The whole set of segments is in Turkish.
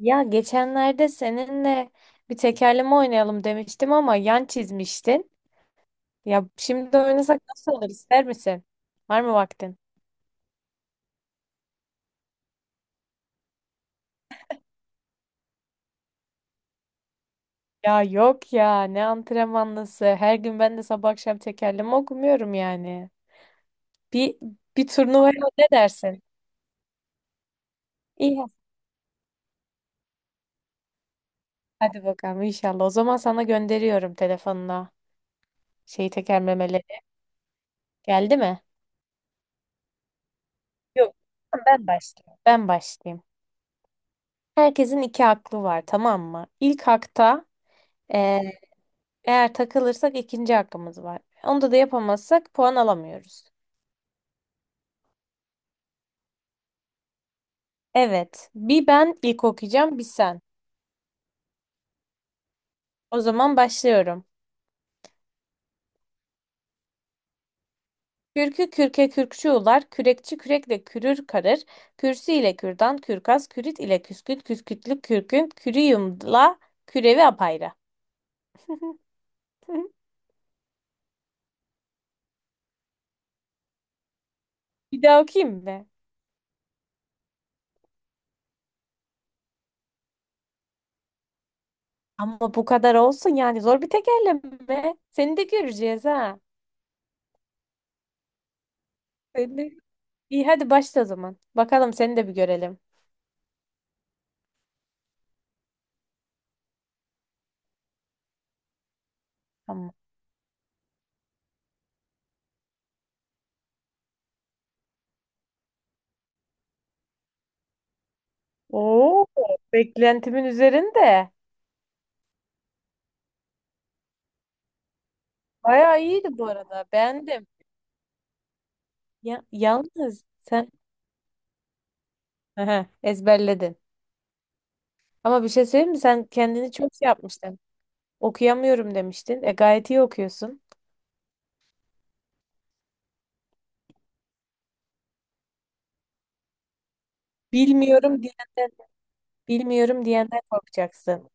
Ya geçenlerde seninle bir tekerleme oynayalım demiştim ama yan çizmiştin. Ya şimdi oynasak nasıl olur, ister misin? Var mı vaktin? Ya yok ya, ne antrenmanlısı. Her gün ben de sabah akşam tekerleme okumuyorum yani. Bir bir turnuvaya ne dersin? İyi, hadi bakalım inşallah. O zaman sana gönderiyorum telefonuna şeyi, tekerlemeleri. Geldi mi? Yok. Ben başlayayım. Herkesin iki aklı var, tamam mı? İlk hakta eğer takılırsak ikinci hakkımız var. Onda da yapamazsak puan alamıyoruz. Evet. Bir ben ilk okuyacağım, bir sen. O zaman başlıyorum. Kürkü kürke kürkçü ular, kürekçi kürekle kürür karır, kürsü ile kürdan, kürkas, kürit ile küsküt küskütlük kürkün, kürüyümla kürevi apayrı. Bir daha okuyayım mı? Ama bu kadar olsun yani, zor bir tekerleme. Seni de göreceğiz ha. Seni de- İyi, hadi başla o zaman. Bakalım seni de bir görelim. Tamam. Oo, beklentimin üzerinde. Bayağı iyiydi bu arada. Beğendim. Ya, yalnız sen aha, ezberledin. Ama bir şey söyleyeyim mi? Sen kendini çok şey yapmıştın. Okuyamıyorum demiştin. E, gayet iyi okuyorsun. Bilmiyorum diyenden, bilmiyorum diyenden korkacaksın.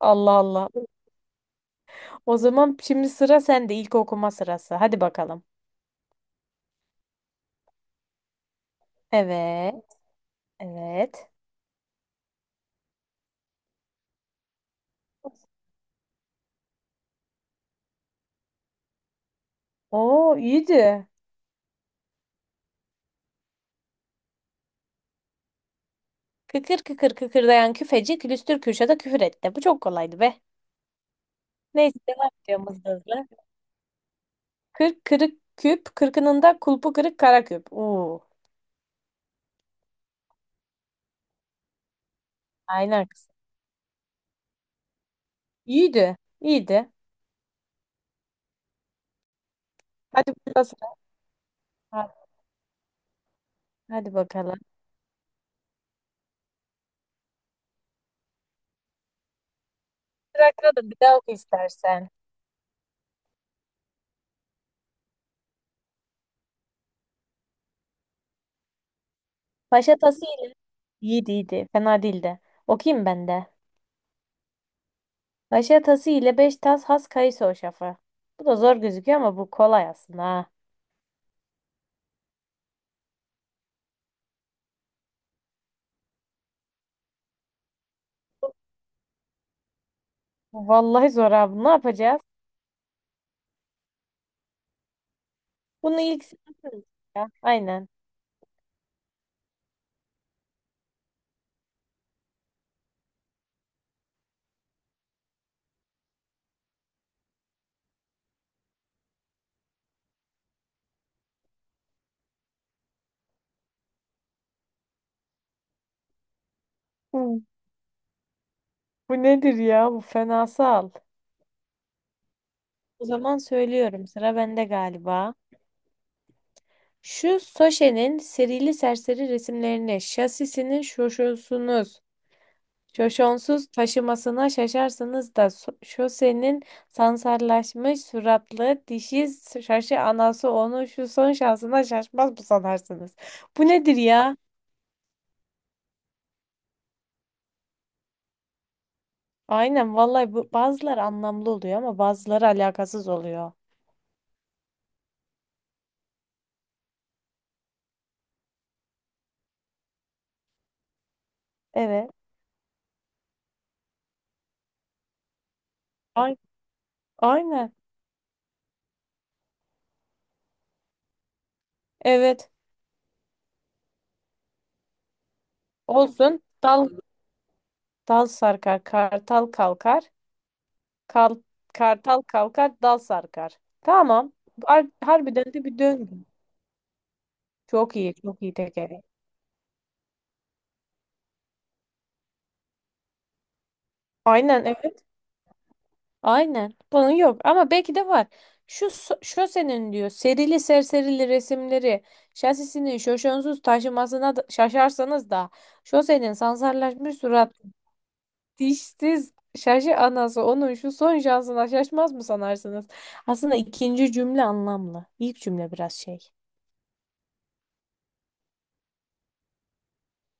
Allah Allah. O zaman şimdi sıra sende. İlk okuma sırası. Hadi bakalım. Evet. Evet. Oo, iyiydi. Kıkır kıkır kıkırdayan küfeci külüstür Kürşat'a küfür etti. Bu çok kolaydı be. Neyse, devam ediyorum hızlı hızlı. Kırk kırık küp, kırkınında kulpu kırık kara küp. Oo, aynen kız. İyiydi, iyiydi. Hadi burada sıra. Ha, hadi bakalım. Sıra da bir daha oku istersen. Paşa tası ile. İyiydi, iyiydi. Fena değildi. Okuyayım ben de. Paşa tası ile beş tas has kayısı hoşafı. Bu da zor gözüküyor ama bu kolay aslında ha. Vallahi zor abi. Ne yapacağız? Bunu ilk sen okursun ya. Aynen. Bu, bu nedir ya? Bu fenasal. O zaman söylüyorum. Sıra bende galiba. Şu Soşe'nin serili serseri resimlerini, şasisinin şoşosunuz, şoşonsuz taşımasına şaşarsınız da şosenin sansarlaşmış suratlı dişi şaşı anası onu şu son şansına şaşmaz mı sanarsınız? Bu nedir ya? Aynen vallahi, bu bazıları anlamlı oluyor ama bazıları alakasız oluyor. Evet. Ay- aynen. Evet. Olsun. Dal sarkar, kartal kalkar. Kal- kartal kalkar, dal sarkar. Tamam. Harbiden de bir döngü. Çok iyi, çok iyi tekeri. Aynen evet. Aynen. Bunun yok ama belki de var. Şu şosenin diyor serili serserili resimleri şasisini şoşonsuz taşımasına şaşarsanız da şosenin sansarlaşmış surat dişsiz şaşı anası onun şu son şansına şaşmaz mı sanarsınız? Aslında ikinci cümle anlamlı. İlk cümle biraz şey.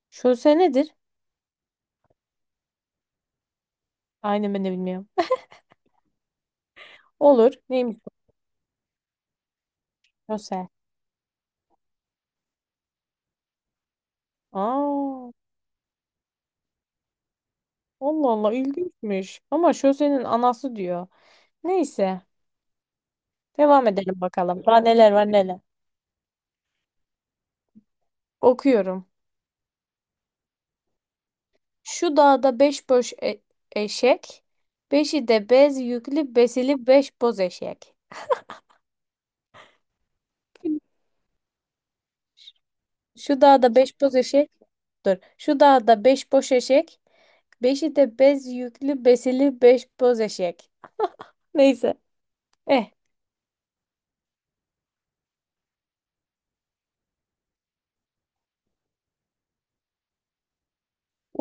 Şose nedir? Aynen, ben de bilmiyorum. Olur. Neymiş bu şose? Aa, Allah Allah, ilginçmiş. Ama şosenin anası diyor. Neyse. Devam edelim bakalım. Daha neler var neler. Okuyorum. Şu dağda beş boş eşek. Beşi de bez yüklü besili beş boz eşek. Şu dağda beş boz eşek. Dur. Şu dağda beş boş eşek. Beşi de bez yüklü besili beş boz eşek. Neyse. Eh.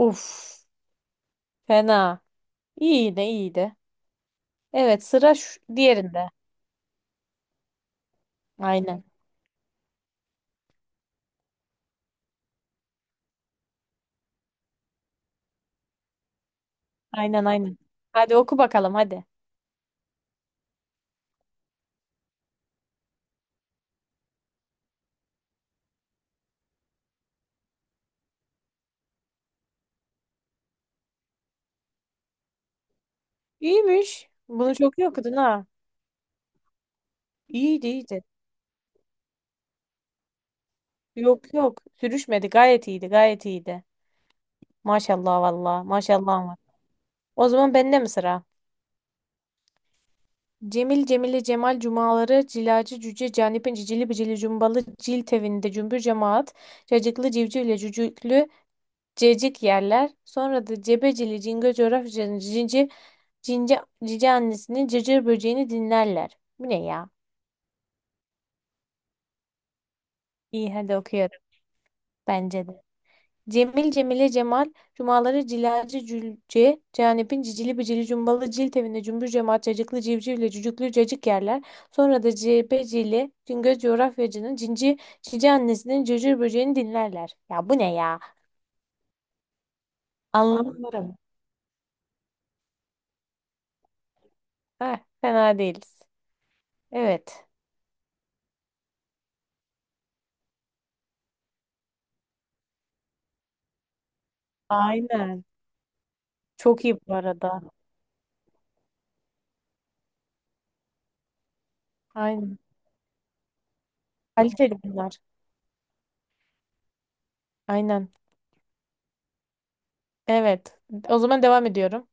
Uf. Fena. İyiydi iyiydi. Evet, sıra şu, diğerinde. Aynen. Aynen aynen. Hadi oku bakalım hadi. İyiymiş. Bunu çok iyi okudun ha. İyiydi iyiydi. Yok yok. Sürüşmedi. Gayet iyiydi. Gayet iyiydi. Maşallah valla. Maşallah var. O zaman bende mi sıra? Cemil Cemile Cemal Cumaları Cilacı Cüce Canip'in cicili bicili cumbalı cil tevinde cümbür cemaat cacıklı civcivle cücüklü cecik yerler, sonra da cebecili Cingöz coğrafyacının cinci cince, cici annesinin cırcır böceğini dinlerler. Bu ne ya? İyi, hadi okuyorum. Bence de. Cemil Cemile Cemal Cumaları Cilacı Cülce Canip'in cicili bicili cumbalı cilt evinde cümbür cemaat cacıklı civcivle cücüklü cacık yerler. Sonra da cebecili Cingöz coğrafyacının cinci cici annesinin cırcır böceğini dinlerler. Ya bu ne ya? Anlamıyorum. Heh, fena değiliz. Evet. Aynen. Çok iyi bu arada. Aynen. Kaliteli bunlar. Aynen. Evet. O zaman devam ediyorum.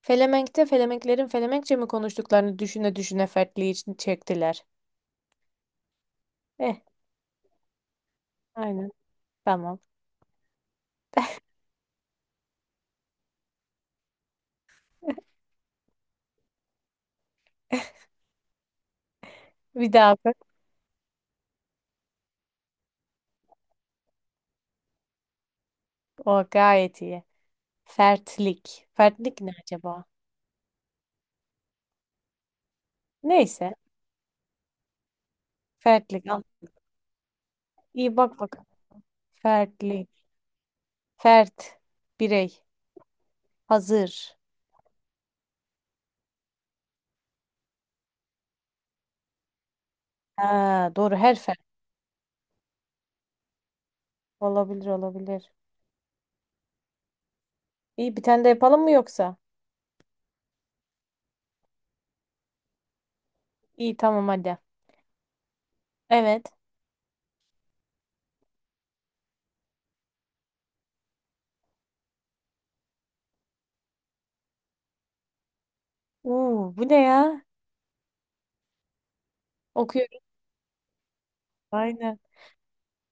Felemenk'te Felemenklerin Felemenkçe mi konuştuklarını düşüne düşüne fertliği için çektiler. Eh, aynen. Tamam. Bir daha bak. O gayet iyi. Fertlik. Fertlik ne acaba? Neyse. Fertlik. Al. İyi, bak bak. Fertlik. Fert. Birey. Hazır. Ha, doğru. Her fert. Olabilir olabilir. İyi, bir tane de yapalım mı yoksa? İyi tamam, hadi. Evet. Uu, bu ne ya? Okuyorum. Aynen.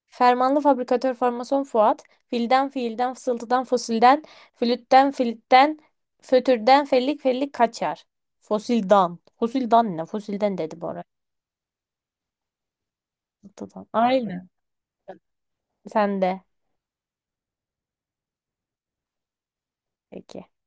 Fermanlı fabrikatör formason Fuat, filden fiilden, fısıltıdan fosilden, flütten filitten, fötürden fellik fellik kaçar. Fosildan. Fosildan ne? Fosilden dedi bu arada. Fısıltıdan. Aynen. Sen de. Peki.